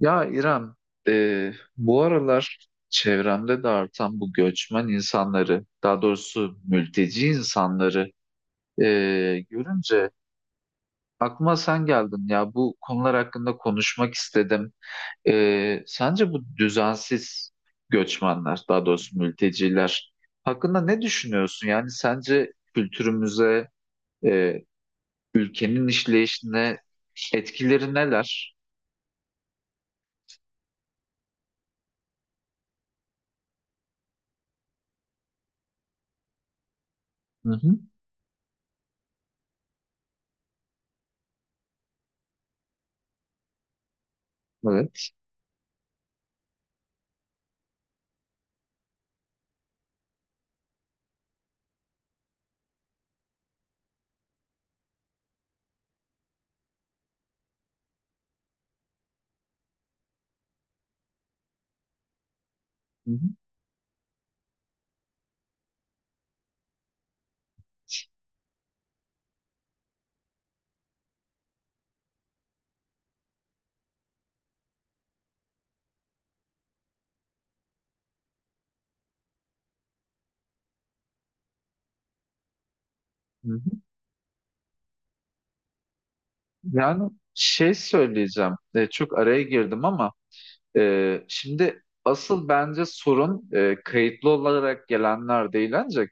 Ya İrem, bu aralar çevremde de artan bu göçmen insanları, daha doğrusu mülteci insanları e, görünce aklıma sen geldin. Ya bu konular hakkında konuşmak istedim. Sence bu düzensiz göçmenler, daha doğrusu mülteciler hakkında ne düşünüyorsun? Yani sence kültürümüze, e, ülkenin işleyişine etkileri neler? Hı hı. Evet. Hı hı. Hı. Yani şey söyleyeceğim, çok araya girdim ama şimdi asıl bence sorun kayıtlı olarak gelenler değil ancak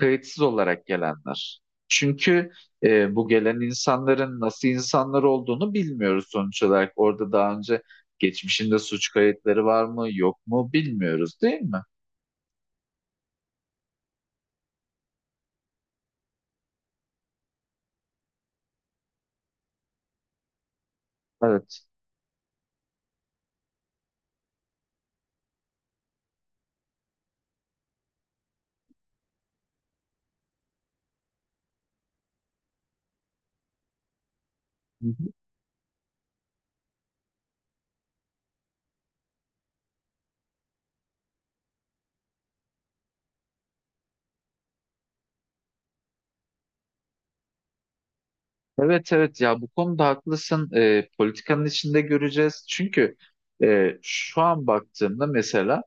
kayıtsız olarak gelenler. Çünkü bu gelen insanların nasıl insanlar olduğunu bilmiyoruz sonuç olarak. Orada daha önce geçmişinde suç kayıtları var mı yok mu bilmiyoruz değil mi? Evet. Evet, evet, ya bu konuda haklısın. Politikanın içinde göreceğiz. Çünkü şu an baktığımda mesela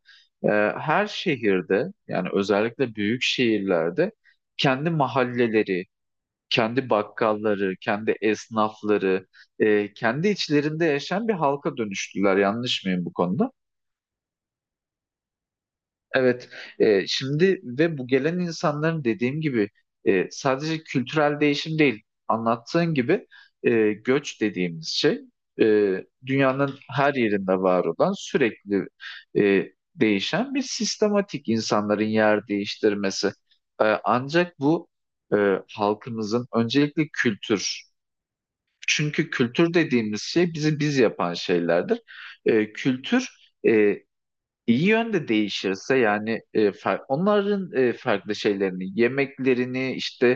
e, her şehirde yani özellikle büyük şehirlerde kendi mahalleleri, kendi bakkalları, kendi esnafları, kendi içlerinde yaşayan bir halka dönüştüler. Yanlış mıyım bu konuda? Evet, şimdi ve bu gelen insanların dediğim gibi sadece kültürel değişim değil, anlattığın gibi göç dediğimiz şey e, dünyanın her yerinde var olan sürekli e, değişen bir sistematik insanların yer değiştirmesi. Ancak bu e, halkımızın öncelikle kültür, çünkü kültür dediğimiz şey bizi biz yapan şeylerdir. Kültür e, İyi yönde değişirse yani onların farklı şeylerini, yemeklerini işte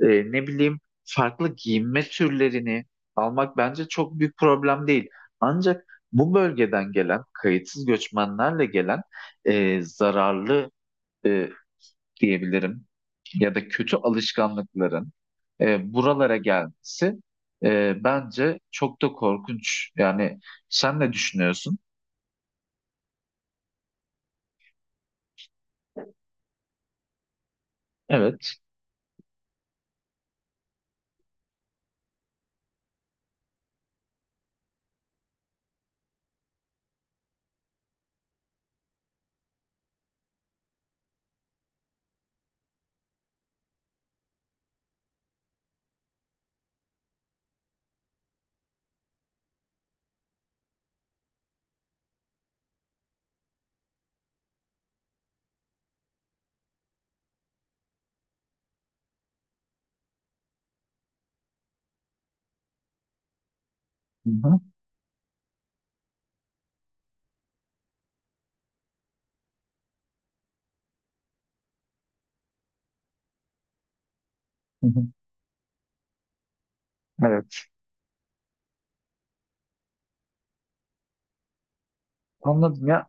e, ne bileyim farklı giyinme türlerini almak bence çok büyük problem değil. Ancak bu bölgeden gelen kayıtsız göçmenlerle gelen zararlı e, diyebilirim ya da kötü alışkanlıkların buralara gelmesi bence çok da korkunç. Yani sen ne düşünüyorsun? Evet. Hı hı. Hı hı. Evet. Anladım ya.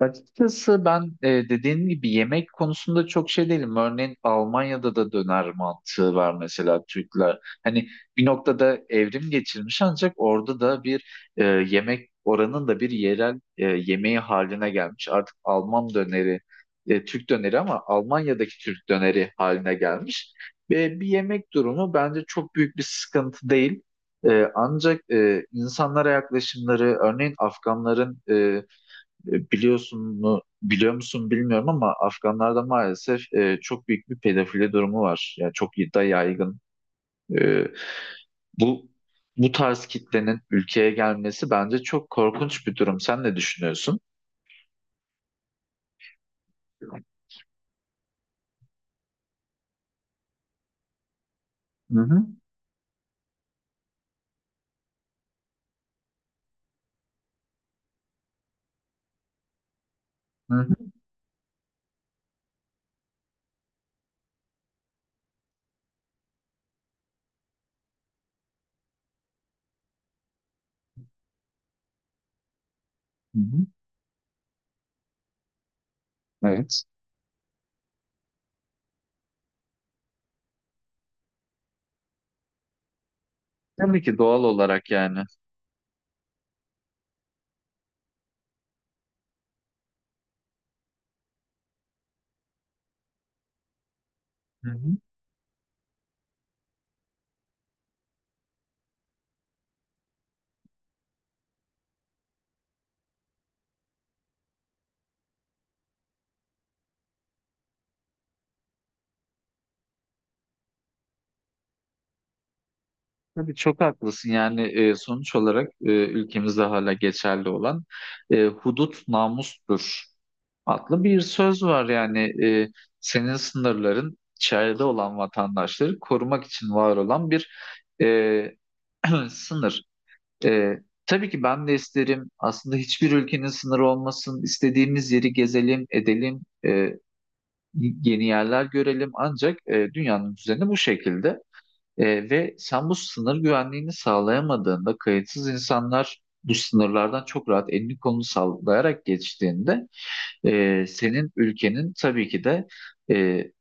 Açıkçası ben dediğin gibi yemek konusunda çok şey değilim. Örneğin Almanya'da da döner mantığı var mesela Türkler. Hani bir noktada evrim geçirmiş ancak orada da bir yemek oranın da bir yerel yemeği haline gelmiş. Artık Alman döneri, Türk döneri ama Almanya'daki Türk döneri haline gelmiş. Ve bir yemek durumu bence çok büyük bir sıkıntı değil. Ancak insanlara yaklaşımları, örneğin Afganların... biliyor musun bilmiyorum ama Afganlarda maalesef çok büyük bir pedofili durumu var. Yani çok da yaygın. E, bu bu tarz kitlenin ülkeye gelmesi bence çok korkunç bir durum. Sen ne düşünüyorsun? Hı hı. Hı hı. Hı hı. Evet. Tabii ki doğal olarak yani. Hı hı. Tabii çok haklısın. Yani sonuç olarak ülkemizde hala geçerli olan hudut namustur adlı bir söz var yani e, senin sınırların içeride olan vatandaşları korumak için var olan bir e, sınır. E, tabii ki ben de isterim aslında hiçbir ülkenin sınırı olmasın, istediğimiz yeri gezelim, edelim, yeni yerler görelim ancak dünyanın düzeni bu şekilde. Ve sen bu sınır güvenliğini sağlayamadığında kayıtsız insanlar bu sınırlardan çok rahat elini kolunu sallayarak geçtiğinde senin ülkenin tabii ki de e,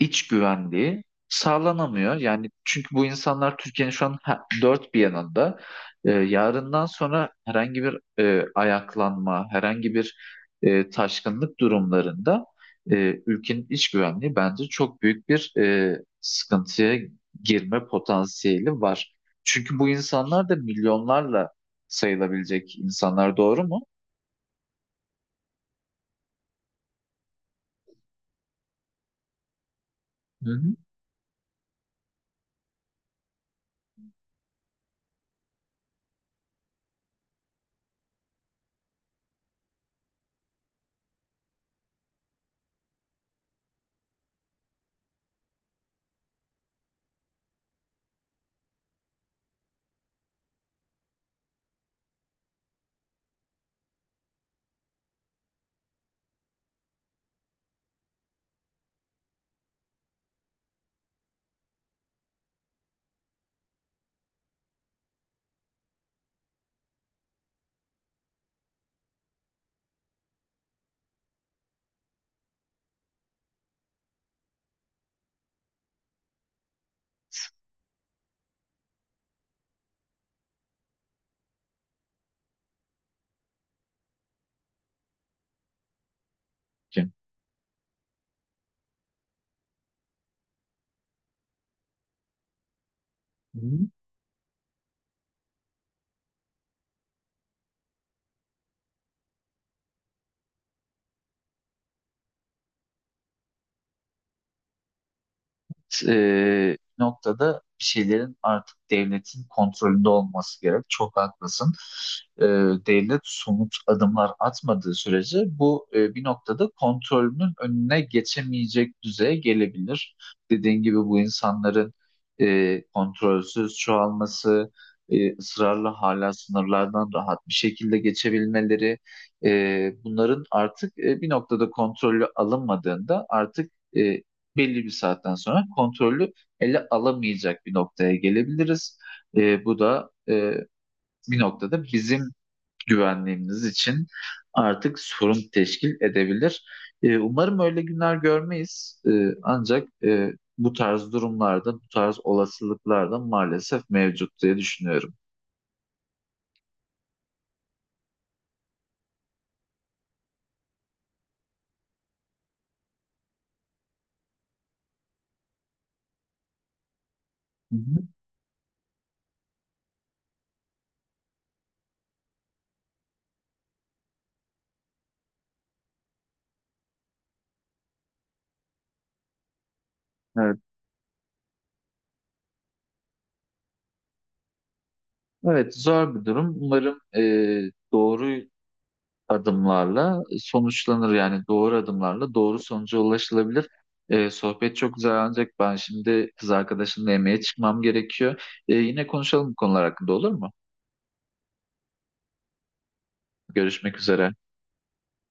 iç güvenliği sağlanamıyor. Yani çünkü bu insanlar Türkiye'nin şu an dört bir yanında. Yarından sonra herhangi bir ayaklanma, herhangi bir taşkınlık durumlarında ülkenin iç güvenliği bence çok büyük bir sıkıntıya girme potansiyeli var. Çünkü bu insanlar da milyonlarla sayılabilecek insanlar, doğru mu? Hı hı. Kim? Noktada bir şeylerin artık devletin kontrolünde olması gerek. Çok haklısın. E, Devlet somut adımlar atmadığı sürece bu bir noktada kontrolünün önüne geçemeyecek düzeye gelebilir. Dediğin gibi bu insanların kontrolsüz çoğalması, ısrarla hala sınırlardan rahat bir şekilde geçebilmeleri, bunların artık bir noktada kontrolü alınmadığında artık belli bir saatten sonra kontrollü ele alamayacak bir noktaya gelebiliriz. Bu da bir noktada bizim güvenliğimiz için artık sorun teşkil edebilir. Umarım öyle günler görmeyiz. Ancak bu tarz durumlarda, bu tarz olasılıklar da maalesef mevcut diye düşünüyorum. Hı hı. Evet. Evet, zor bir durum. Umarım doğru adımlarla sonuçlanır. Yani doğru adımlarla doğru sonuca ulaşılabilir. Sohbet çok güzel ancak ben şimdi kız arkadaşımla yemeğe çıkmam gerekiyor. Yine konuşalım bu konular hakkında, olur mu? Görüşmek üzere.